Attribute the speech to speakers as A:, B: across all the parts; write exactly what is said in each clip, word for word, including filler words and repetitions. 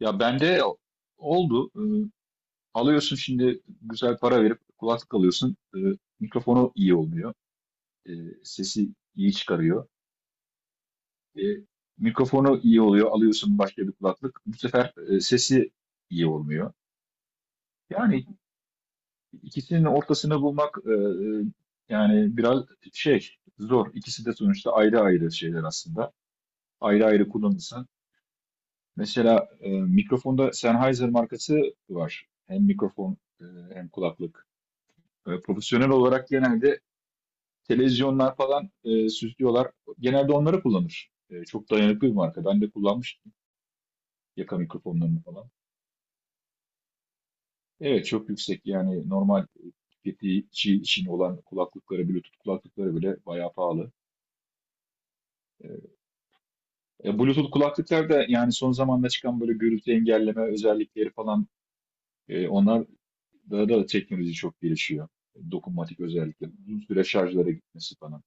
A: Ya bende oldu. Ee, alıyorsun şimdi güzel para verip kulaklık alıyorsun. Ee, mikrofonu iyi olmuyor. Ee, Sesi iyi çıkarıyor. Ee, Mikrofonu iyi oluyor. Alıyorsun başka bir kulaklık. Bu sefer e, sesi iyi olmuyor. Yani ikisinin ortasını bulmak e, e, yani biraz şey zor. İkisi de sonuçta ayrı ayrı şeyler aslında. Ayrı ayrı kullanırsan. Mesela e, mikrofonda Sennheiser markası var. Hem mikrofon e, hem kulaklık. E, profesyonel olarak genelde televizyonlar falan e, süslüyorlar. Genelde onları kullanır. E, çok dayanıklı bir marka. Ben de kullanmıştım yaka mikrofonlarını falan. Evet, çok yüksek yani normal e, tüketici için olan kulaklıkları, Bluetooth kulaklıkları bile bayağı pahalı. E, e, Bluetooth kulaklıklar da yani son zamanda çıkan böyle gürültü engelleme özellikleri falan e, onlar da, da teknoloji çok gelişiyor. Dokunmatik özellikle. Uzun süre şarjlara gitmesi falan.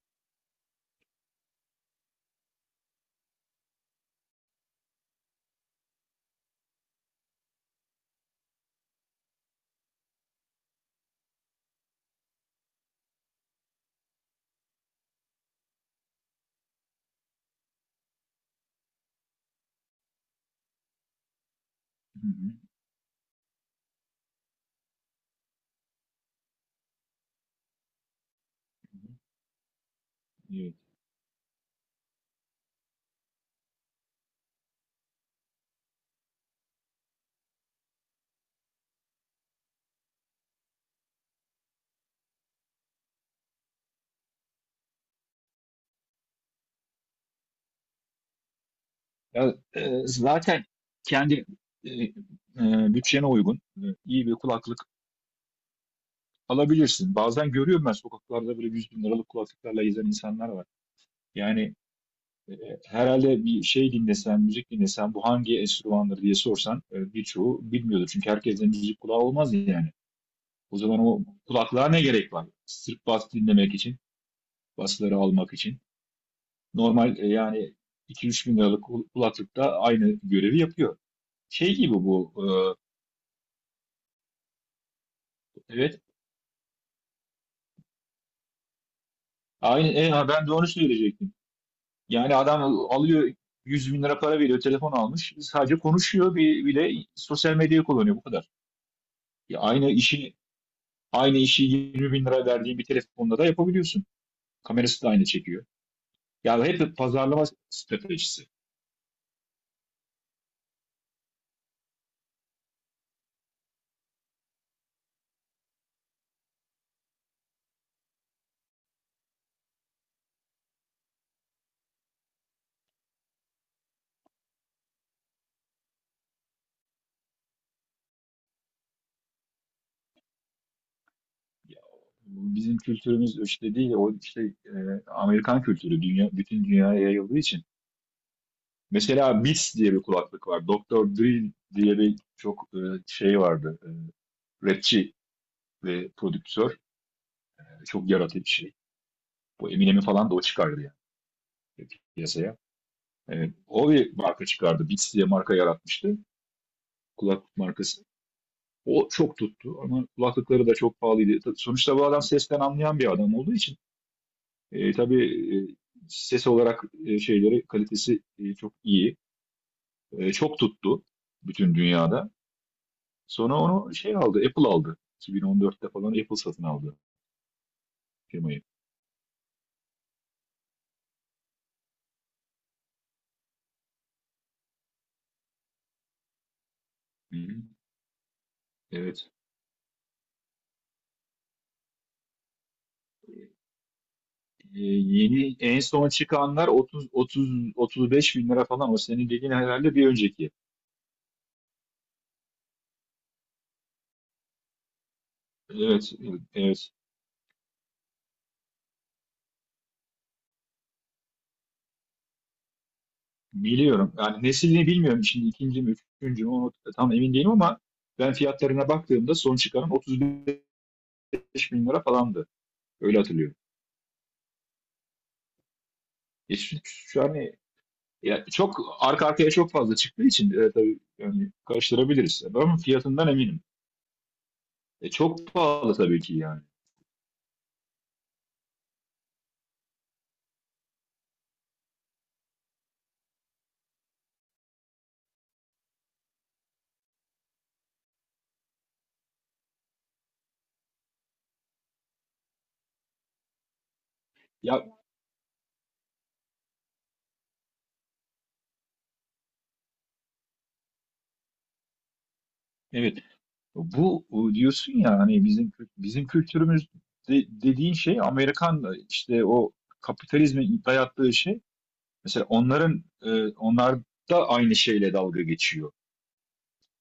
A: Hı hı. Evet. Ya, e, zaten kendi e, e, bütçene uygun e, iyi bir kulaklık alabilirsin. Bazen görüyorum ben sokaklarda böyle yüz bin liralık kulaklıklarla gezen insanlar var. Yani e, herhalde bir şey dinlesen, müzik dinlesen bu hangi enstrümandır diye sorsan e, birçoğu bilmiyordur. Çünkü herkesin müzik kulağı olmaz yani. O zaman o kulaklığa ne gerek var? Sırf bas dinlemek için, basları almak için. Normal e, yani iki üç bin liralık kul- kulaklık da aynı görevi yapıyor. Şey gibi bu, e, evet. Aynen, e, ha, ben de onu söyleyecektim. Yani adam alıyor yüz bin lira para veriyor, telefon almış. Sadece konuşuyor bir, bir de sosyal medyayı kullanıyor bu kadar. Ya aynı işi aynı işi yirmi bin lira verdiğin bir telefonda da yapabiliyorsun. Kamerası da aynı çekiyor. Yani hep pazarlama stratejisi. Ya, bizim kültürümüz işte değil, o işte e, Amerikan kültürü dünya, bütün dünyaya yayıldığı için. Mesela Beats diye bir kulaklık var. doktor Dre diye bir çok e, şey vardı. E, rapçi ve prodüktör, e, çok yaratıcı bir şey. Bu Eminem'i falan da o çıkardı yani, e, piyasaya. E, o bir marka çıkardı. Beats diye marka yaratmıştı. Kulaklık markası. O çok tuttu ama kulaklıkları da çok pahalıydı. Sonuçta bu adam sesten anlayan bir adam olduğu için e, tabii, e, ses olarak e, şeyleri kalitesi e, çok iyi. E, çok tuttu bütün dünyada. Sonra onu şey aldı, Apple aldı. iki bin on dörtte falan Apple satın aldı firmayı. Hı hı. Evet. Ee, yeni en son çıkanlar otuz otuz otuz beş bin lira falan, o senin dediğin herhalde bir önceki. Evet, evet. Biliyorum. Yani neslini bilmiyorum şimdi, ikinci mi üçüncü mü, onu tam emin değilim ama ben fiyatlarına baktığımda son çıkaran otuz beş bin lira falandı. Öyle hatırlıyorum. E, şu, şu an, e, ya çok arka arkaya çok fazla çıktığı için e, tabii yani karıştırabiliriz. Ama fiyatından eminim. E, çok pahalı tabii ki yani. Ya, evet. Bu e, diyorsun ya, hani bizim kü- bizim kültürümüz de- dediğin şey, Amerikan e, işte o kapitalizmin dayattığı şey. Mesela onların e, onlar da aynı şeyle dalga geçiyor.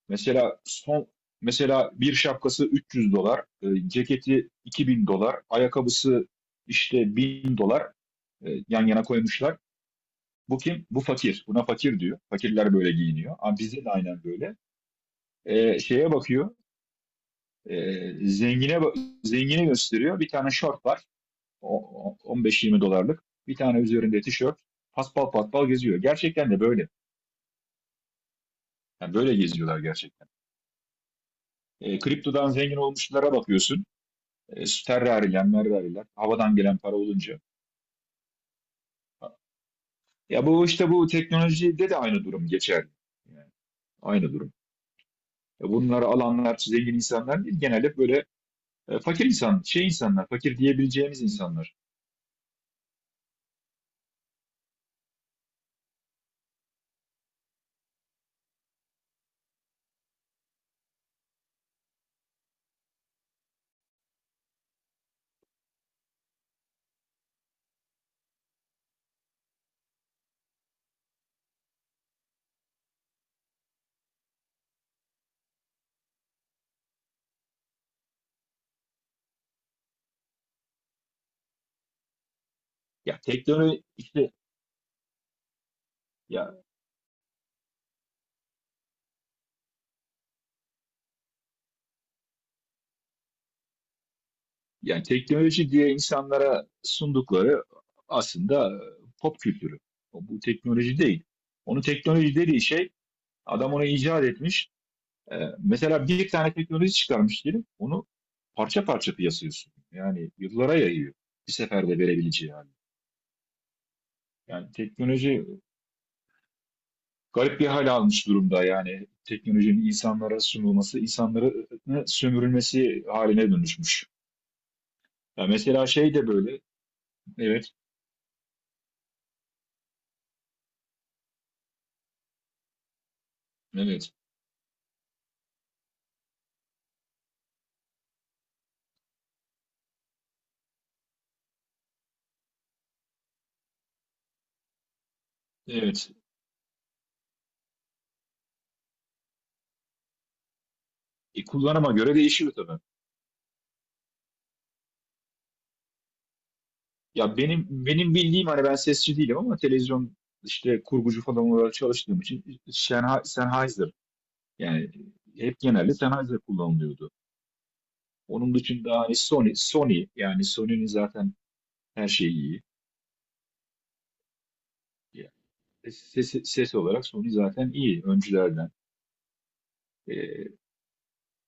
A: Mesela son, mesela bir şapkası üç yüz dolar, e, ceketi iki bin dolar, ayakkabısı işte bin dolar, e, yan yana koymuşlar. Bu kim? Bu fakir. Buna fakir diyor. Fakirler böyle giyiniyor. Ama bizde de aynen böyle. E, şeye bakıyor. Ee, zengine zengini gösteriyor. Bir tane şort var. O- o- on beş yirmi dolarlık. Bir tane üzerinde tişört. Paspal paspal geziyor. Gerçekten de böyle. Yani böyle geziyorlar gerçekten. Ee, kriptodan zengin olmuşlara bakıyorsun. E, Ferrari'ler, Merrari'ler. Havadan gelen para olunca. Ya bu işte bu teknolojide de aynı durum geçerli. Yani aynı durum. Ya bunları alanlar zengin insanlar değil. Genelde böyle e, fakir insan, şey insanlar, fakir diyebileceğimiz insanlar. Ya teknoloji işte, ya, yani teknoloji diye insanlara sundukları aslında pop kültürü. Bu teknoloji değil. Onu teknoloji dediği şey adam onu icat etmiş. Ee, mesela bir tane teknoloji çıkarmış diyelim. Onu parça parça piyasaya sunuyor. Yani yıllara yayıyor. Bir seferde verebileceği hali. Yani teknoloji garip bir hal almış durumda. Yani teknolojinin insanlara sunulması, insanların sömürülmesi haline dönüşmüş. Ya mesela şey de böyle. Evet, evet, evet. E, kullanıma göre değişiyor tabii. Ya benim benim bildiğim, hani ben sesçi değilim ama televizyon işte kurgucu falan olarak çalıştığım için Sennha- Sennheiser, yani hep genelde Sennheiser kullanılıyordu. Onun dışında hani Sony Sony yani Sony'nin zaten her şeyi iyi. Ya, Ses, ses olarak Sony zaten iyi öncülerden. E,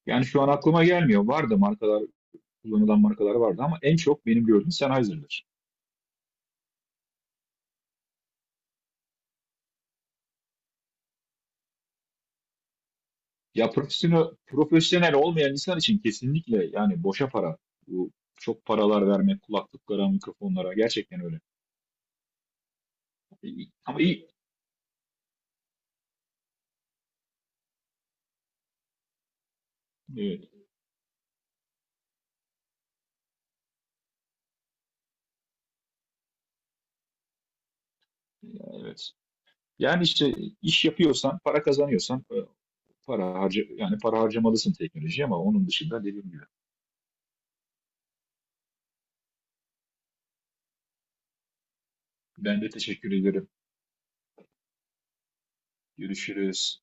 A: Yani şu an aklıma gelmiyor. Vardı markalar Kullanılan markalar vardı ama en çok benim gördüğüm Sennheiser'dır. Ya profesyonel, profesyonel olmayan insan için kesinlikle, yani boşa para. Bu çok paralar vermek kulaklıklara, mikrofonlara gerçekten öyle. İyi- Ama iyi, evet. Evet. Yani işte iş yapıyorsan, para kazanıyorsan, e, para harca yani para harcamalısın teknolojiye ama onun dışında dediğim gibi. Ben de teşekkür ederim. Görüşürüz.